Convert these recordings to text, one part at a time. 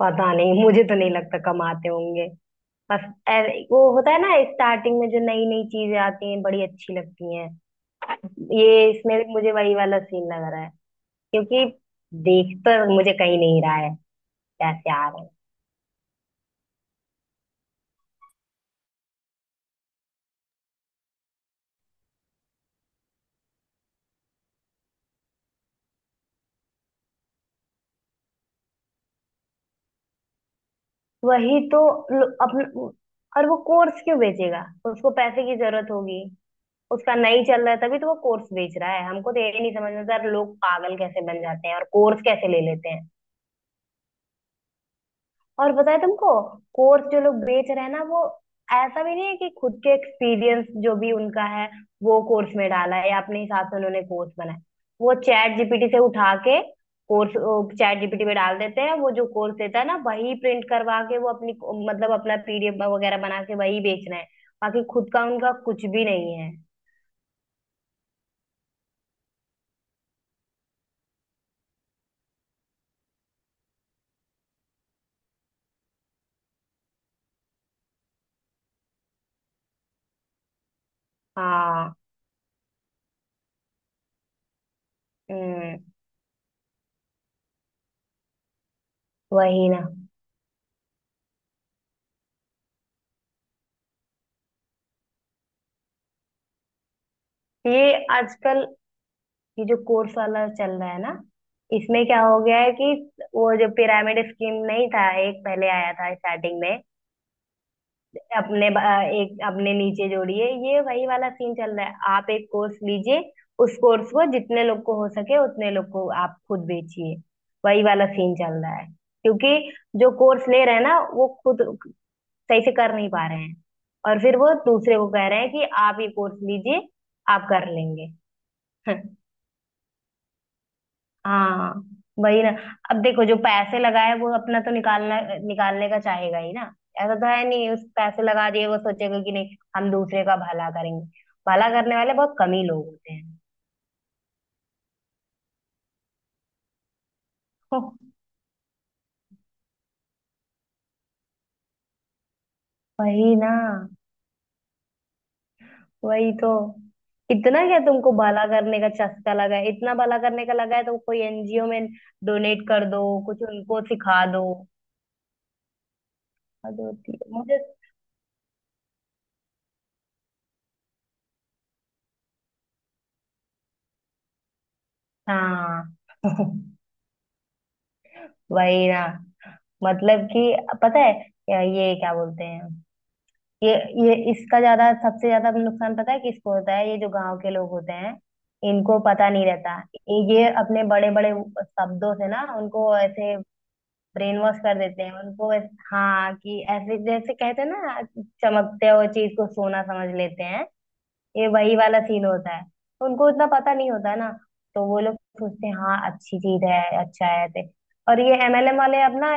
पता नहीं, मुझे तो नहीं लगता कमाते होंगे। बस। वो होता है ना, स्टार्टिंग में जो नई नई चीजें आती हैं बड़ी अच्छी लगती हैं। ये इसमें भी मुझे वही वाला सीन लग रहा है, क्योंकि देख तो मुझे कहीं नहीं रहा है, पैसे आ रहे हैं। वही तो। अपना, और वो कोर्स क्यों बेचेगा? उसको पैसे की जरूरत होगी। उसका नहीं चल रहा है तभी तो वो कोर्स बेच रहा है। हमको तो ये नहीं समझ में आता यार, लोग पागल कैसे बन जाते हैं और कोर्स कैसे ले लेते हैं। और बताए तुमको, कोर्स जो लोग बेच रहे हैं ना, वो ऐसा भी नहीं है कि खुद के एक्सपीरियंस जो भी उनका है वो कोर्स में डाला है या अपने हिसाब से उन्होंने कोर्स बनाया। वो चैट जीपीटी से उठा के कोर्स चैट जीपीटी में डाल देते हैं। वो जो कोर्स देता है ना, वही प्रिंट करवा के वो अपनी, मतलब अपना पीडीएफ वगैरह बना के वही बेच रहे हैं। बाकी खुद का उनका कुछ भी नहीं है। हाँ। हम्म। वही ना। ये आजकल ये जो कोर्स वाला चल रहा है ना, इसमें क्या हो गया है कि वो जो पिरामिड स्कीम नहीं था, एक पहले आया था स्टार्टिंग में, अपने ब- एक अपने नीचे जोड़िए, ये वही वाला सीन चल रहा है। आप एक कोर्स लीजिए, उस कोर्स को जितने लोग को हो सके उतने लोग को आप खुद बेचिए। वही वाला सीन चल रहा है, क्योंकि जो कोर्स ले रहे हैं ना वो खुद सही से कर नहीं पा रहे हैं, और फिर वो दूसरे को कह रहे हैं कि आप ये कोर्स लीजिए, आप कर लेंगे। हाँ। वही ना। अब देखो, जो पैसे लगाए वो अपना तो निकालना निकालने का चाहेगा ही ना। ऐसा तो है नहीं उस पैसे लगा दिए वो सोचेगा कि नहीं, हम दूसरे का भला करेंगे। भला करने वाले बहुत कम ही लोग होते हैं। हो। वही ना। वही तो। इतना क्या तुमको भला करने का चस्का लगा है? इतना भला करने का लगा है तो कोई एनजीओ में डोनेट कर दो, कुछ उनको सिखा दो। हद होती है मुझे। हाँ। वही ना। मतलब कि पता है ये क्या बोलते हैं, ये ये इसका ज्यादा सबसे ज्यादा नुकसान पता है किसको होता है? ये जो गांव के लोग होते हैं, इनको पता नहीं रहता। ये अपने बड़े बड़े शब्दों से ना उनको ऐसे ब्रेन वॉश कर देते हैं उनको हाँ, कि ऐसे जैसे कहते हैं ना, चमकते हुए चीज को सोना समझ लेते हैं। ये वही वाला सीन होता है। उनको इतना पता नहीं होता ना, तो वो लोग सोचते हैं हाँ अच्छी चीज है, अच्छा है ऐसे। और ये एमएलएम वाले अब ना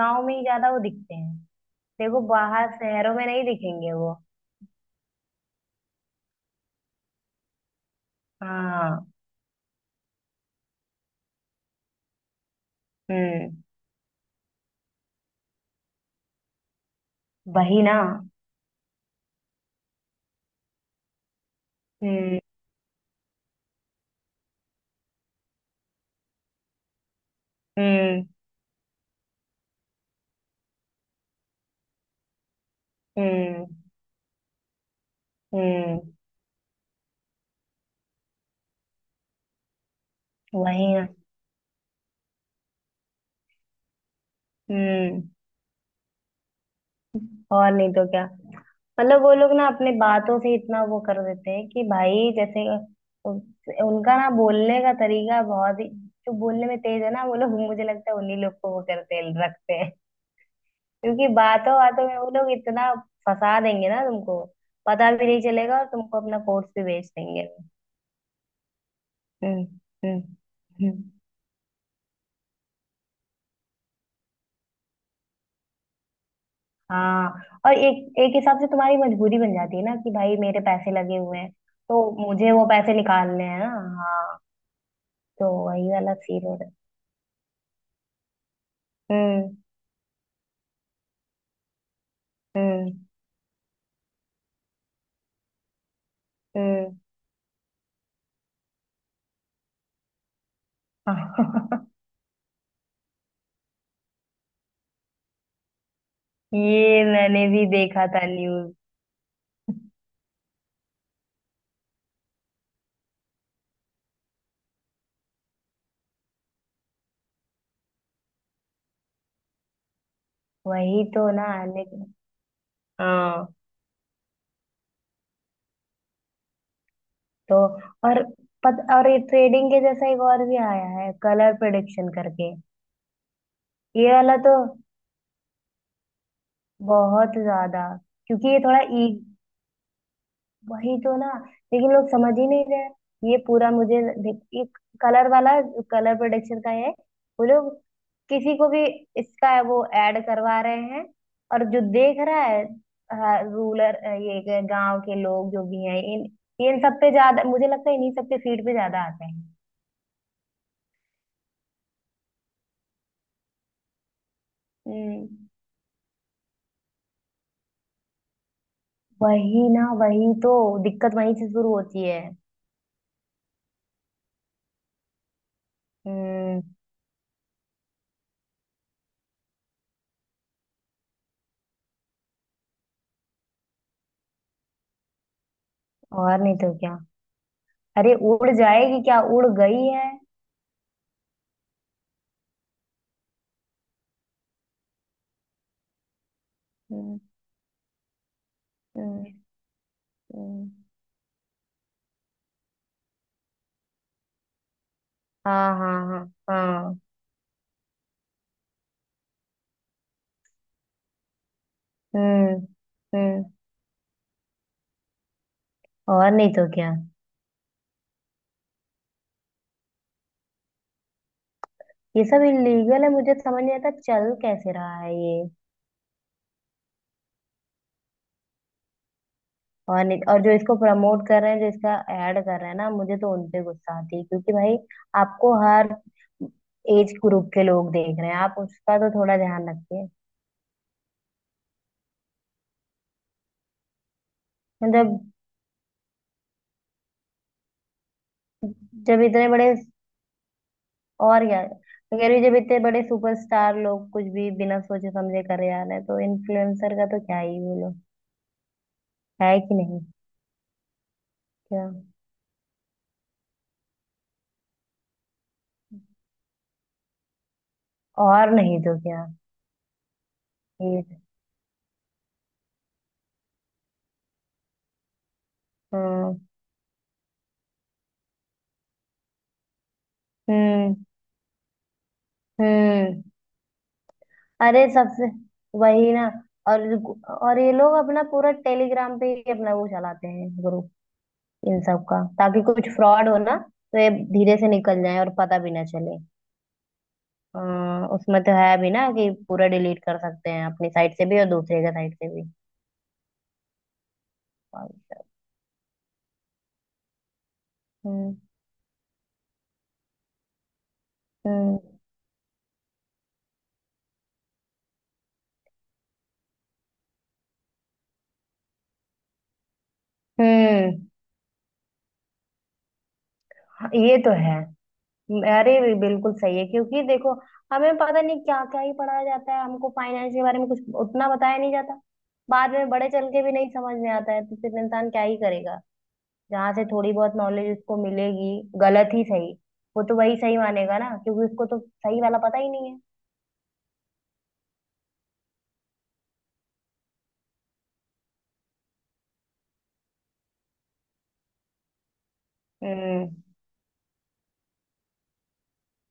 गाँव में ही ज्यादा वो दिखते हैं। देखो, बाहर शहरों में नहीं दिखेंगे वो। हाँ। हम्म। वही ना। हम्म। हम्म। हम्म। हम्म। वही ना। हम्म। और नहीं तो क्या। मतलब वो लोग ना अपने बातों से इतना वो कर देते हैं कि भाई जैसे उ- उनका ना बोलने का तरीका बहुत ही, जो बोलने में तेज है ना वो लोग मुझे लगता है उन्हीं लोग को वो करते हैं रखते हैं। क्योंकि बातों बातों में वो लोग इतना फंसा देंगे ना तुमको, पता भी नहीं चलेगा और तुमको अपना कोर्स भी बेच देंगे। हम्म। हम्म। हम्म। हाँ। और एक एक हिसाब से तुम्हारी मजबूरी बन जाती है ना कि भाई मेरे पैसे लगे हुए हैं, तो मुझे वो पैसे निकालने हैं ना। हाँ, तो वही वाला सीन हो रहा है। हम्म। हम्म। हम्म। ये मैंने भी देखा था न्यूज। वही तो ना। लेकिन हाँ। तो और और ये ट्रेडिंग के जैसा एक और भी आया है कलर प्रेडिक्शन करके। ये वाला तो बहुत ज्यादा, क्योंकि ये थोड़ा वही तो ना। लेकिन लोग समझ ही नहीं रहे, ये पूरा मुझे कलर वाला कलर प्रोडक्शन का है। वो लोग किसी को भी इसका वो ऐड करवा रहे हैं, और जो देख रहा है, रूलर ये गांव के लोग जो भी हैं, इन इन सब पे ज्यादा मुझे लगता है इन्हीं सब पे फीड पे ज्यादा आते हैं। हम्म। वही ना। वही तो, दिक्कत वहीं से शुरू होती है। हम्म। और नहीं तो क्या। अरे उड़ जाएगी क्या, उड़ गई है। हम्म। हम्म। हम्म। हाँ हाँ हाँ। हाँ। हम्म। हम्म। और नहीं तो क्या, ये सब इलीगल है, मुझे समझ नहीं आता चल कैसे रहा है ये। और नहीं, और जो इसको प्रमोट कर रहे हैं, जो इसका ऐड कर रहे हैं ना, मुझे तो उनपे गुस्सा आती है, क्योंकि भाई आपको हर एज ग्रुप के लोग देख रहे हैं, आप उसका तो थोड़ा ध्यान रखिए। मतलब जब इतने बड़े, और क्या, मैं कह रही हूँ, जब इतने बड़े सुपरस्टार लोग कुछ भी बिना सोचे समझे करे जा रहे हैं तो इन्फ्लुएंसर का तो क्या ही बोलो। है कि नहीं? क्या। और नहीं तो क्या। ये। हम्म। हम्म। हम्म। अरे सबसे वही ना। और और ये लोग अपना पूरा टेलीग्राम पे ही अपना वो चलाते हैं ग्रुप, इन सब का, ताकि कुछ फ्रॉड हो ना तो ये धीरे से निकल जाए और पता भी ना चले। अ, उसमें तो है भी ना कि पूरा डिलीट कर सकते हैं अपनी साइड से भी और दूसरे का साइड से भी। और सब। हम्म। हम्म। हम्म। हाँ, ये तो है। अरे भी बिल्कुल सही है, क्योंकि देखो हमें पता नहीं क्या क्या ही पढ़ाया जाता है, हमको फाइनेंस के बारे में कुछ उतना बताया नहीं जाता। बाद में बड़े चल के भी नहीं समझ में आता है तो फिर इंसान क्या ही करेगा? जहाँ से थोड़ी बहुत नॉलेज उसको मिलेगी, गलत ही सही, वो तो वही सही मानेगा ना, क्योंकि उसको तो सही वाला पता ही नहीं है। हम्म।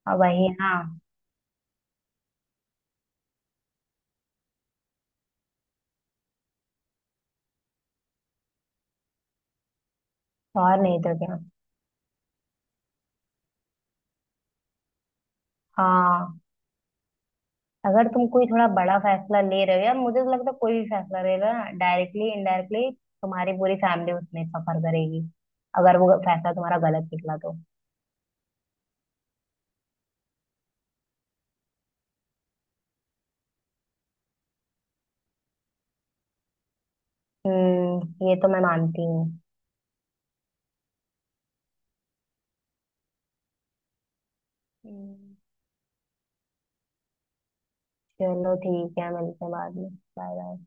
और वही हाँ। और नहीं तो क्या। हाँ। अगर तुम कोई थोड़ा बड़ा फैसला ले रहे हो, या मुझे तो लगता है कोई भी फैसला लेगा डायरेक्टली इनडायरेक्टली, तुम्हारी पूरी फैमिली उसमें सफर करेगी अगर वो फैसला तुम्हारा गलत निकला तो। हम्म। ये तो मैं मानती हूँ। हम्म, चलो ठीक है, मिलते हैं बाद में। Bye bye.